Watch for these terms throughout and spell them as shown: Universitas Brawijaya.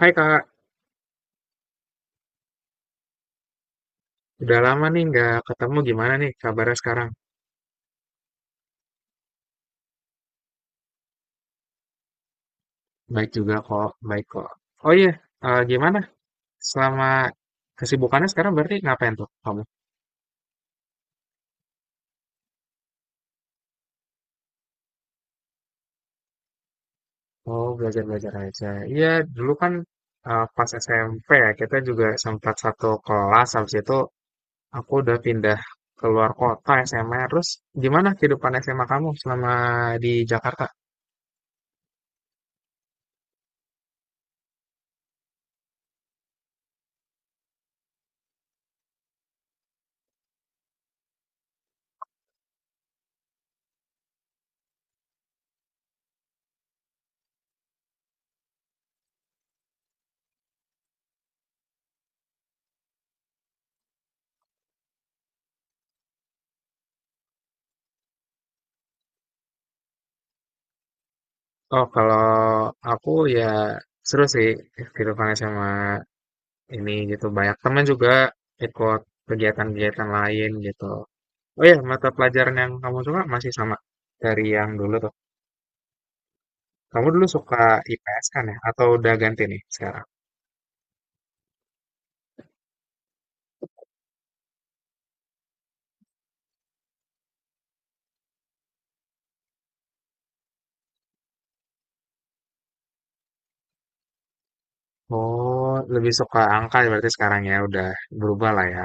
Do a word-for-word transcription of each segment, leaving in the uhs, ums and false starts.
Hai, Kak, udah lama nih nggak ketemu. Gimana nih kabarnya sekarang? Baik juga kok, baik kok. Oh iya, eh, gimana? Selama kesibukannya sekarang berarti ngapain tuh kamu? Oh, belajar-belajar aja. Iya, dulu kan eh, pas S M P ya, kita juga sempat satu kelas. Habis itu aku udah pindah keluar kota S M A. Terus gimana kehidupan S M A kamu selama di Jakarta? Oh, kalau aku ya seru sih kehidupan S M A ini gitu. Banyak teman juga ikut kegiatan-kegiatan lain gitu. Oh ya, mata pelajaran yang kamu suka masih sama dari yang dulu tuh. Kamu dulu suka I P S kan ya? Atau udah ganti nih sekarang? Oh, lebih suka angka ya berarti, sekarang ya udah berubah lah ya.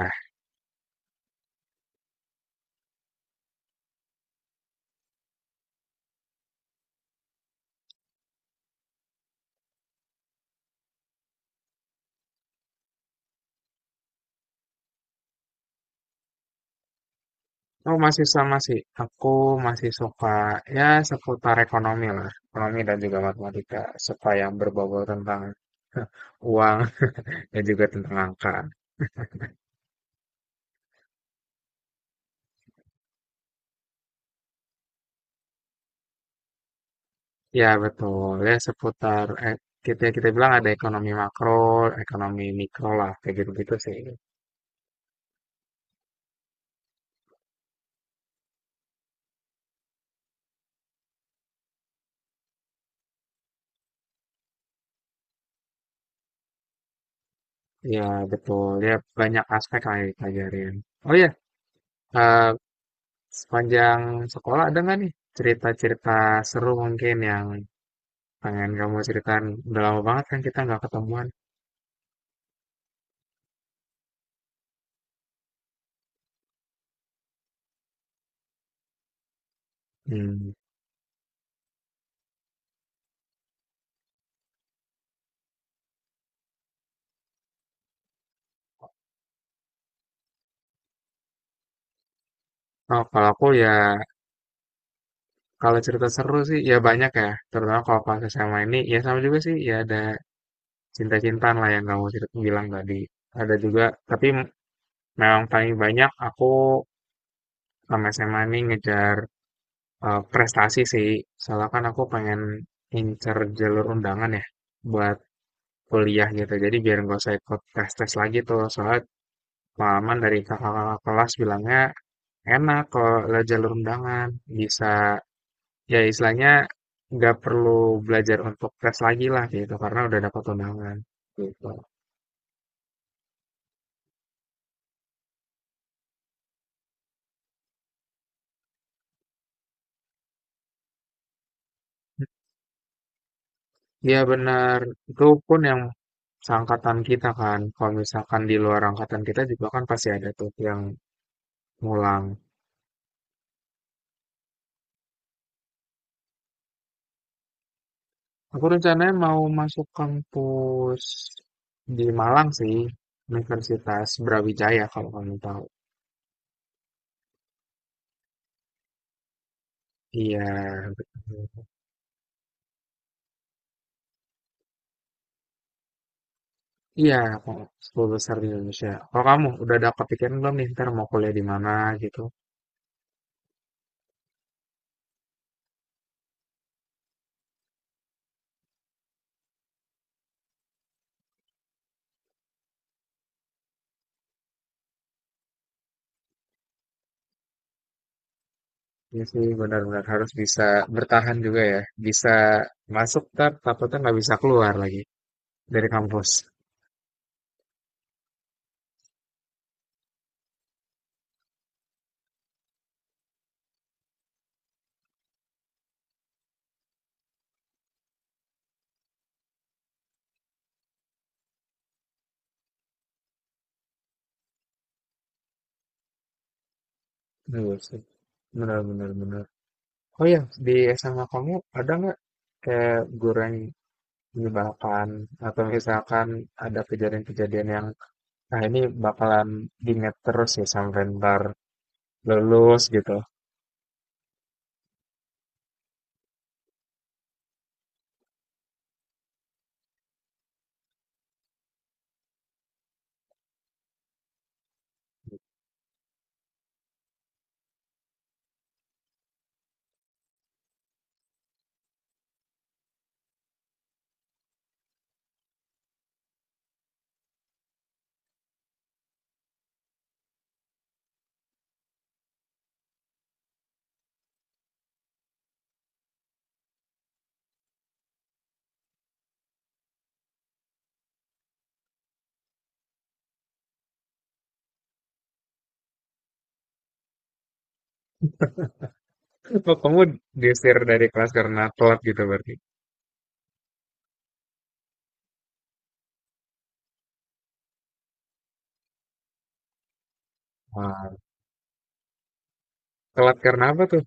Oh, masih sama sih. Aku masih suka ya seputar ekonomi lah. Ekonomi dan juga matematika. Suka yang berbobot tentang uang dan juga tentang angka. Ya, betul. Ya, seputar eh, kita kita bilang ada ekonomi makro, ekonomi mikro lah, kayak gitu-gitu sih. Ya, betul. Ya, banyak aspek lah yang dipelajarin. Oh ya, eh, sepanjang sekolah ada nggak nih cerita-cerita seru mungkin yang pengen kamu ceritain? Udah lama banget kan kita nggak ketemuan. Hmm. Oh, kalau aku ya, kalau cerita seru sih ya banyak ya. Terutama kalau pas S M A ini, ya sama juga sih. Ya, ada cinta-cintaan lah yang kamu cerita bilang tadi, ada juga, tapi memang paling banyak aku sama S M A nih ngejar eh, prestasi sih. Soalnya kan aku pengen incer jalur undangan ya buat kuliah gitu. Jadi biar nggak usah ikut tes-tes lagi tuh. Soalnya pengalaman dari kakak-kakak kelas bilangnya enak kalau lewat jalur undangan. Bisa ya istilahnya nggak perlu belajar untuk tes lagi lah gitu karena udah dapat undangan gitu. Iya benar, itu pun yang seangkatan kita kan, kalau misalkan di luar angkatan kita juga kan pasti ada tuh yang ngulang. Aku rencananya mau masuk kampus di Malang sih, Universitas Brawijaya kalau kamu tahu. Iya, betul. Iya, kok sepuluh besar di Indonesia. Kalau kamu udah ada kepikiran belum nih, ntar mau kuliah di mana gitu? Iya sih, benar-benar harus bisa bertahan juga ya, bisa masuk ntar takutnya nggak bisa keluar lagi dari kampus. Bener sih. Benar, benar, benar. Oh ya, di S M A kamu ada nggak kayak guru yang menyebalkan atau misalkan ada kejadian-kejadian yang, nah, ini bakalan diingat terus ya sampai ntar lulus gitu. Oh, kamu diusir dari kelas karena telat gitu berarti. Wah, telat karena apa tuh?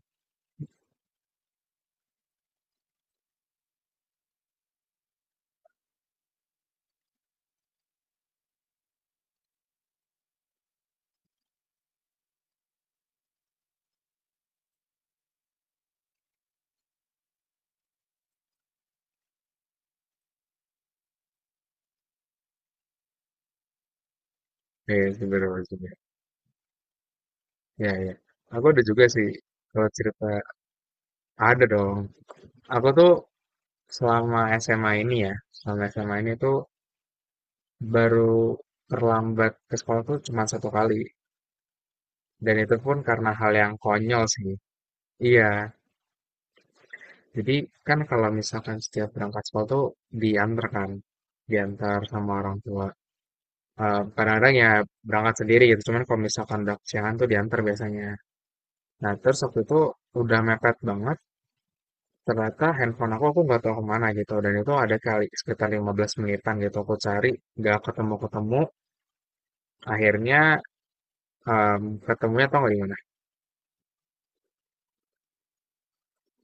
Iya, sebenarnya juga. Ya, ya. Aku ada juga sih kalau cerita, ada dong. Aku tuh selama S M A ini ya, selama S M A ini tuh baru terlambat ke sekolah tuh cuma satu kali. Dan itu pun karena hal yang konyol sih. Iya, jadi kan kalau misalkan setiap berangkat sekolah tuh diantar kan. Diantar sama orang tua. Eh, kadang-kadang ya berangkat sendiri gitu. Cuman kalau misalkan udah kesiangan tuh diantar biasanya. Nah, terus waktu itu udah mepet banget. Ternyata handphone aku, aku nggak tahu kemana gitu. Dan itu ada kali sekitar lima belas menitan gitu. Aku cari, nggak ketemu-ketemu. Akhirnya em, ketemunya, tau nggak,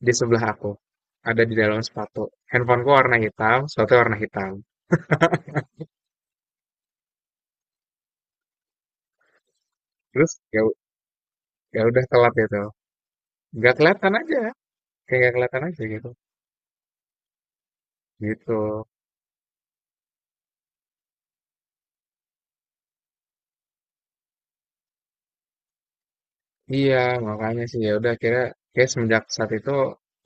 di sebelah aku ada di dalam sepatu. Handphoneku warna hitam, sepatu warna hitam, terus ya u- ya udah telat gitu, nggak kelihatan aja, kayak nggak kelihatan aja gitu gitu. Iya, makanya sih ya udah akhirnya kayak semenjak saat itu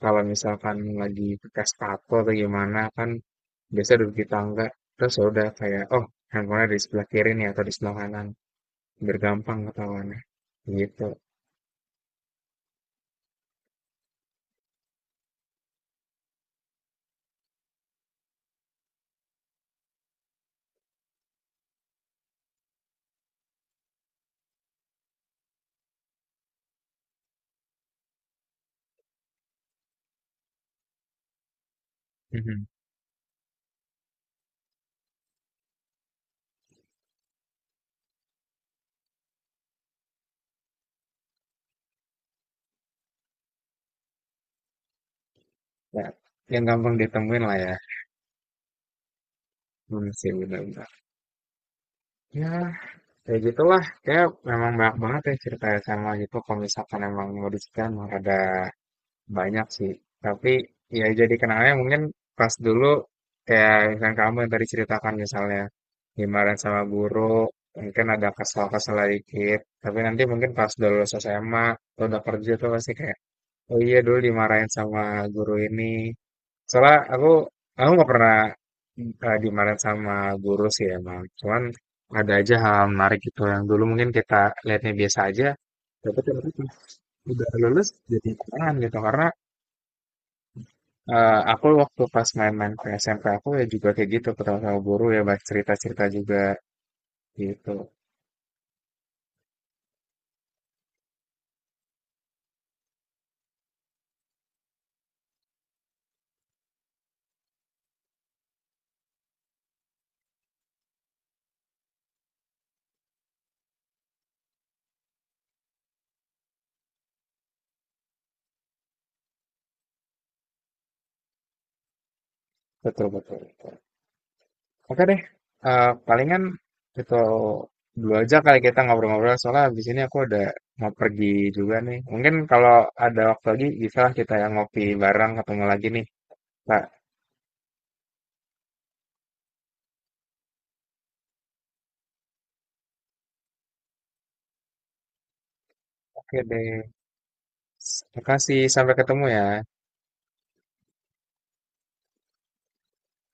kalau misalkan lagi pakai sepatu atau gimana kan biasa duduk di tangga, terus ya udah kayak, oh, handphonenya di sebelah kiri nih atau di sebelah kanan, biar gampang ketahuannya gitu. Mhm. Ya, yang gampang ditemuin lah ya. Hmm, sih benar-benar ya. Kayak gitulah, kayak memang banyak banget ya cerita sama gitu, kalau misalkan emang mau diceritain emang rada banyak sih. Tapi ya jadi kenangannya mungkin pas dulu, kayak misalkan kamu yang tadi ceritakan misalnya dimarahin sama guru, mungkin ada kesal-kesal dikit. Tapi nanti mungkin pas udah lulus S M A atau udah kerja tuh pasti kayak, oh iya, dulu dimarahin sama guru ini. Soalnya aku, aku nggak pernah eh, dimarahin sama guru sih emang. Cuman ada aja hal menarik gitu yang dulu mungkin kita lihatnya biasa aja. Tapi ternyata pas udah lulus jadi tantangan gitu karena eh, aku waktu pas main-main ke S M P aku ya juga kayak gitu, ketemu sama guru ya banyak cerita-cerita juga gitu. Betul, betul. Oke deh. Eh, palingan itu dulu aja kali kita ngobrol-ngobrol soalnya habis ini aku ada mau pergi juga nih. Mungkin kalau ada waktu lagi bisa lah kita yang ngopi bareng ketemu lagi nih, Pak. Oke deh, makasih, sampai ketemu ya.